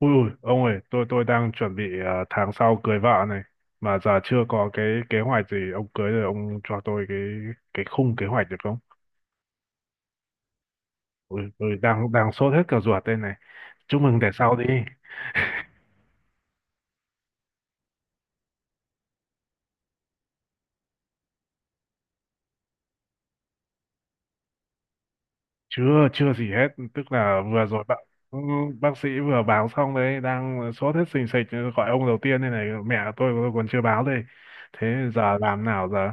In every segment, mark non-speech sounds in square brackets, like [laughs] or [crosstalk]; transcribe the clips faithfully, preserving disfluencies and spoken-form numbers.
Ui, ui, ông ơi, tôi tôi đang chuẩn bị, à, tháng sau cưới vợ này, mà giờ chưa có cái kế hoạch gì. Ông cưới rồi, ông cho tôi cái cái khung kế hoạch được không? Ui, ui, đang đang sốt hết cả ruột đây này. Chúc mừng để sau đi. [laughs] Chưa chưa gì hết, tức là vừa rồi bác bác sĩ vừa báo xong đấy, đang sốt hết sình sịch, gọi ông đầu tiên đây này, mẹ tôi tôi còn chưa báo đây. Thế giờ làm nào giờ?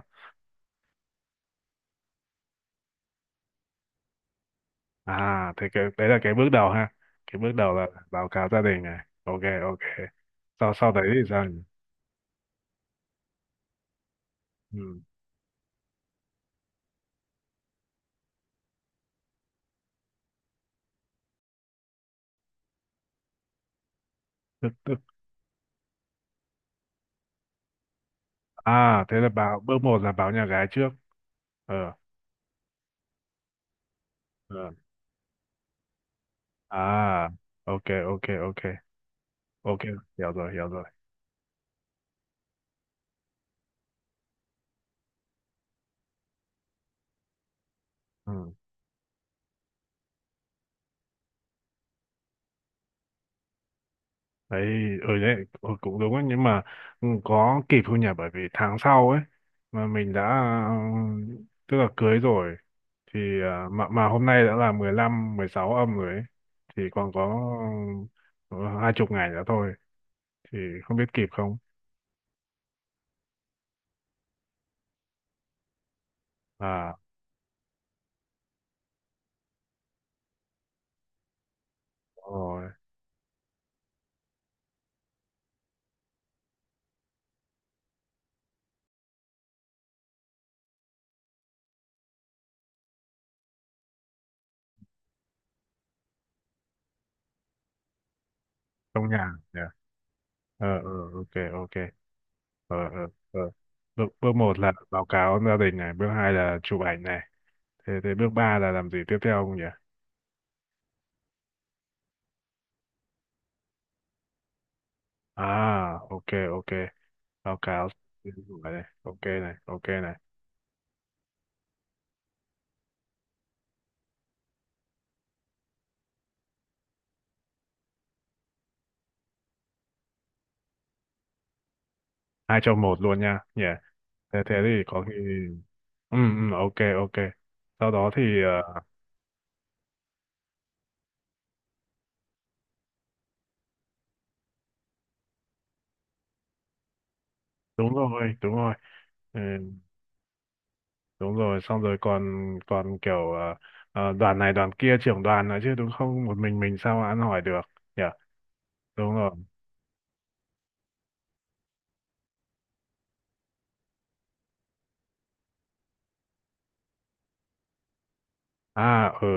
À, thì cái đấy là cái bước đầu ha. Cái bước đầu là báo cáo gia đình này. Ok, ok. Sau sau đấy thì sao nhỉ? Ừ. Tức, tức. À, thế là báo bước một là báo nhà gái trước. Ờ, ờ. À, ok, ok, ok. Ok, hiểu rồi, hiểu rồi. Ừ. Đấy, ừ đấy, ừ, cũng đúng ấy, nhưng mà ừ, có kịp không nhỉ? Bởi vì tháng sau ấy, mà mình đã ừ, tức là cưới rồi thì à, mà mà hôm nay đã là mười lăm mười sáu âm rồi ấy. Thì còn có ờ, hai chục ngày nữa thôi, thì không biết kịp không. À rồi, trong nhà nhỉ. Ờ ờ, ok ok. Ờ ờ ờ, bước, bước một là báo cáo gia đình này, bước hai là chụp ảnh này. Thế thế bước ba là làm gì tiếp theo không nhỉ? À ok ok, báo cáo này, ok này, ok này. Hai trong một luôn nha nhỉ. Thế thế thì có khi ừ ừ, ok ok. Sau đó thì ờ, đúng rồi, đúng rồi. Ừ, đúng rồi, xong rồi, còn còn kiểu ờ, ờ, đoàn này đoàn kia, trưởng đoàn nữa chứ, đúng không? Một mình mình sao mà ăn hỏi được nhỉ? Đúng rồi. À ừ,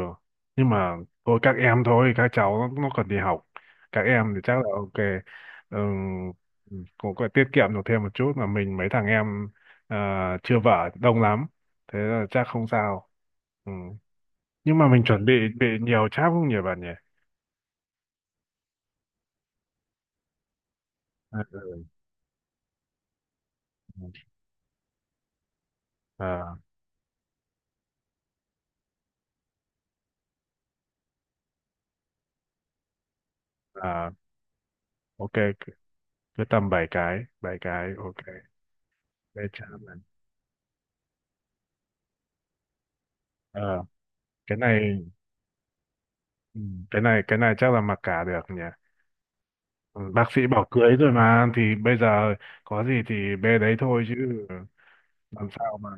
nhưng mà thôi các em, thôi các cháu nó, nó còn đi học, các em thì chắc là ok. Ừ, cũng có tiết kiệm được thêm một chút, mà mình mấy thằng em ờ, chưa vợ đông lắm, thế là chắc không sao. Ừ. Nhưng mà mình chuẩn bị bị nhiều cháp không nhỉ bạn nhỉ? À, ừ. À, à, ok. Cứ tầm bảy cái, bảy cái, ok, để trả lần. Ờ cái này, ừ, cái này cái này chắc là mặc cả được nhỉ. Ừ, bác sĩ bảo cưới rồi mà, thì bây giờ có gì thì bê đấy thôi chứ, làm sao mà.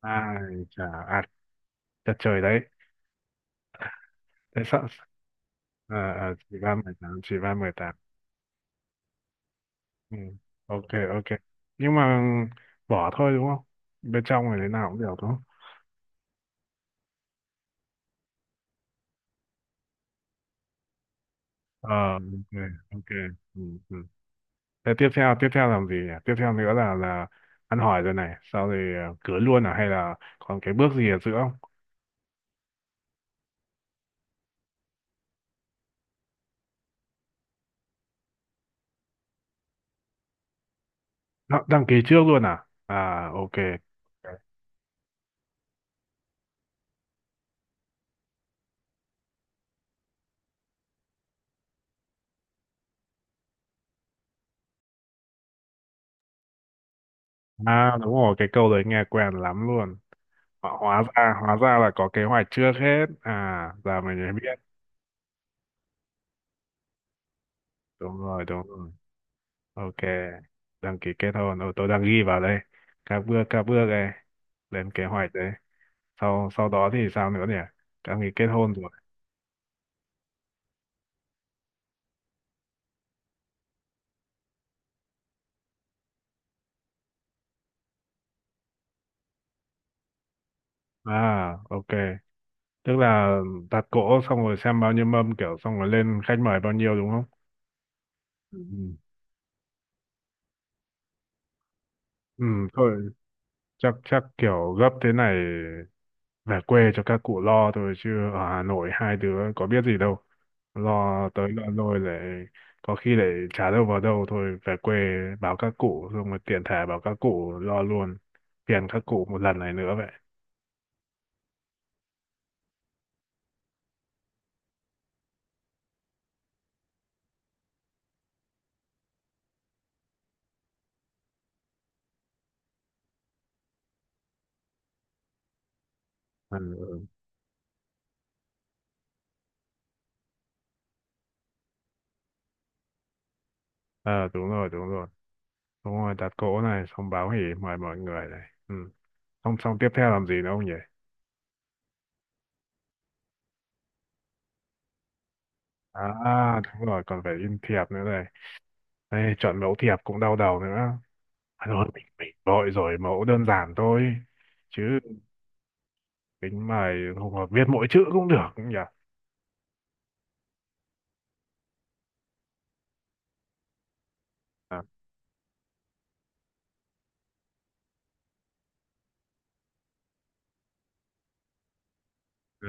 Ai chả ạt, chật trời đấy. Thế sợ, ờ ờ, chỉ ba mười tám, chỉ ba mười tám. Ừ, ok ok. Nhưng mà vỏ thôi, đúng không? Bên trong này thế nào cũng được, đúng không? Ờ ok ok. Ừ, ừ. Thế tiếp theo tiếp theo làm gì nhỉ? Tiếp theo nữa là là ăn hỏi rồi này, sau rồi ờ, cưới luôn à, hay là còn cái bước gì ở giữa không? Đăng, đăng ký trước luôn à? À ok. À đúng rồi, cái câu đấy nghe quen lắm luôn. Họ, hóa ra à, hóa ra là có kế hoạch trước hết. À giờ mình mới biết. Đúng rồi, đúng rồi. Ok. Đăng ký kết hôn. Ừ, tôi đang ghi vào đây. Các bước, các bước đây. Lên kế hoạch đấy. Sau sau đó thì sao nữa nhỉ? Đăng ký kết hôn rồi. À ok. Tức là đặt cỗ xong rồi xem bao nhiêu mâm, kiểu xong rồi lên khách mời bao nhiêu, đúng không? Ừ. Ừ. Ừ thôi, chắc chắc kiểu gấp thế này về quê cho các cụ lo thôi, chứ ở Hà Nội hai đứa có biết gì đâu, lo tới lo lôi lại có khi lại chả đâu vào đâu. Thôi về quê báo các cụ, xong rồi tiện thể báo các cụ lo luôn, phiền các cụ một lần này nữa vậy. Ừ. Ừ. Ờ đúng rồi, đúng rồi. Đúng rồi đặt cỗ này, xong báo hỉ, mời mọi người này. Ừ. Xong xong tiếp theo làm gì nữa không nhỉ? À đúng rồi, còn phải in thiệp nữa này. Đây, chọn mẫu thiệp cũng đau đầu nữa. À, thôi mình, mình vội rồi, mẫu đơn giản thôi. Chứ tính mày không hợp viết mỗi chữ cũng được cũng nhỉ. À, ờ,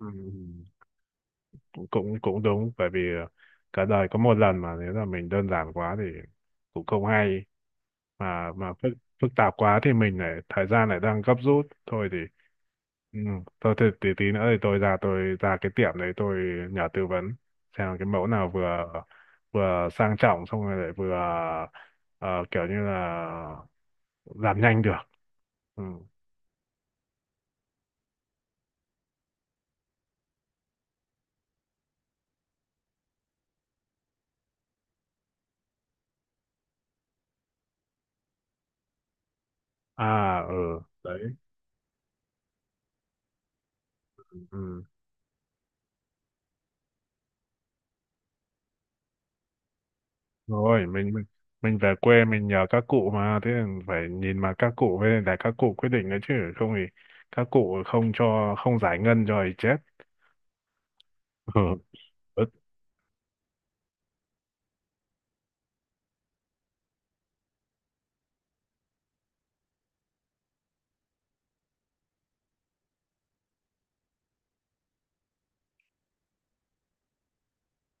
ừm, cũng cũng cũng đúng, bởi vì ờ, cả đời có một lần, mà nếu là mình đơn giản quá thì cũng không hay, mà mà phức phức tạp quá thì mình lại thời gian lại đang gấp rút, thôi thì. Ừ. Thôi thì tí tí nữa thì tôi ra, tôi ra cái tiệm đấy, tôi nhờ tư vấn xem cái mẫu nào vừa vừa sang trọng xong rồi lại vừa ờ, kiểu như là làm nhanh được. Ừ. À ừ, đấy. Ừ. Rồi mình mình mình về quê mình nhờ các cụ, mà thế là phải nhìn mà các cụ, với lại các cụ quyết định đấy, chứ không thì các cụ không cho, không giải ngân rồi chết. [laughs] Ừ. Bất-,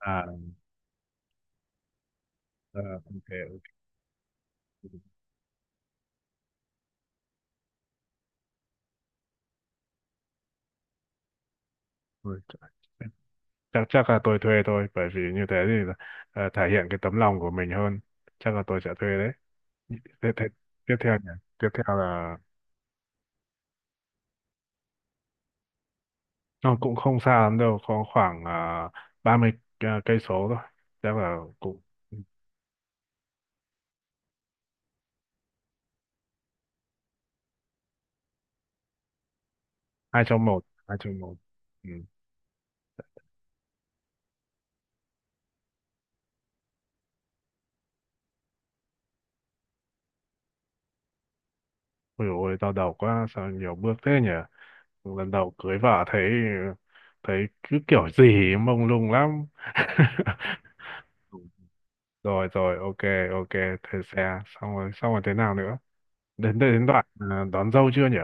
à, à ok. Ôi trời. Chắc chắc là tôi thuê thôi, bởi vì như thế thì là, ờ, thể hiện cái tấm lòng của mình hơn. Chắc là tôi sẽ thuê đấy. Thế, thế, tiếp theo nhỉ? Tiếp theo là nó cũng không xa lắm đâu, có khoảng uh, ba mươi, ờ, cây số thôi, chắc là cũng. Hai trong một, hai trong một. Ừ. Ôi dồi ôi, đau đầu quá, sao nhiều bước thế nhỉ? Lần đầu cưới vợ thấy, thấy cứ kiểu gì ấy, mông lung lắm. [laughs] Rồi rồi ok ok. Thuê xe xong rồi, xong rồi thế nào nữa? Đến đến đến đoạn, à, đón dâu chưa nhỉ?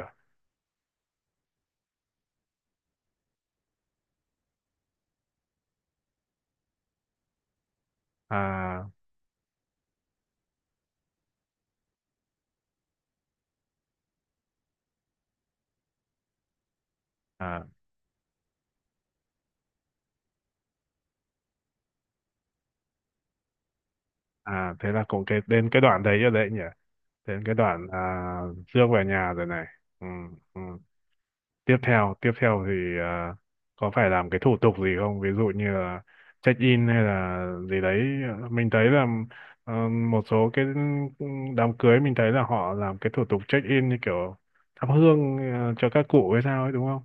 À à à, thế là cũng cái đến cái đoạn đấy rồi đấy nhỉ. Đến cái đoạn à, Dương về nhà rồi này. Ừ, ừ. Tiếp theo, tiếp theo thì à, có phải làm cái thủ tục gì không? Ví dụ như là check in hay là gì đấy. Mình thấy là ờ, một số cái đám cưới mình thấy là họ làm cái thủ tục check in như kiểu thắp hương ờ, cho các cụ hay sao ấy, đúng không?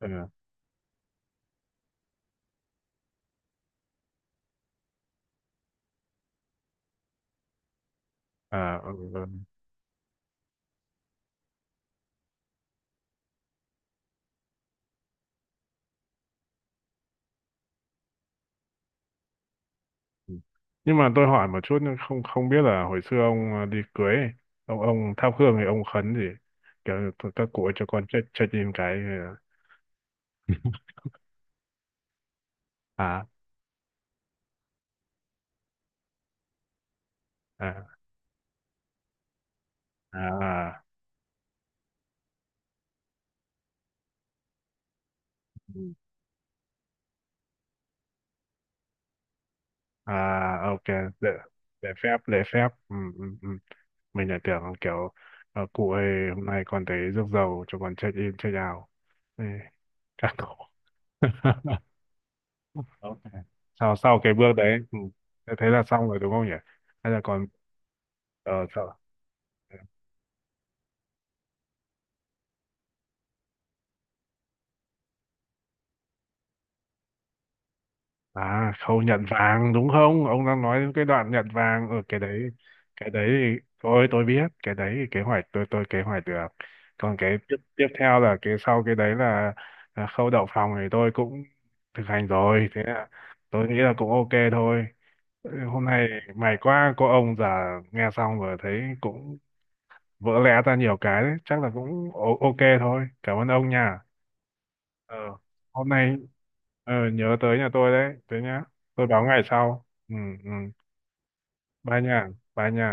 Ừ. À, ừ, ừ. Ừ. Nhưng mà tôi hỏi một chút, nhưng không không biết là hồi xưa ông à, đi cưới ấy, ông ông thắp hương thì ông khấn gì? Kiểu như các cụ ơi cho con chết chết im cái. Ờ, à à à, ừ. À ok. Lễ, lễ phép lễ phép, ừ, ừ, ừ. Mình lại tưởng kiểu ờ, cụ ơi, hôm nay con thấy rước dầu cho con chết im chết ào. Ê, các cụ. [laughs] Ok. Sau sau cái bước đấy, ừ. Thế thế là xong rồi đúng không nhỉ? Hay là còn ờ, sau. À, khâu nhận vàng đúng không? Ông đang nói đến cái đoạn nhận vàng ở cái đấy. Cái đấy thì thôi tôi biết, cái đấy thì kế hoạch tôi tôi kế hoạch được. Còn cái tiếp tiếp theo là cái sau cái đấy là, là khâu đậu phòng thì tôi cũng thực hành rồi. Thế là tôi nghĩ là cũng ok thôi. Ừ, hôm nay may quá có ông già nghe xong rồi thấy cũng vỡ lẽ ra nhiều cái đấy. Chắc là cũng o-, ok thôi. Cảm ơn ông nha. Ờ hôm nay, ờ nhớ tới nhà tôi đấy thế nhá. Tôi báo ngày sau. Ừ, ừ. Bye nha, bye nha.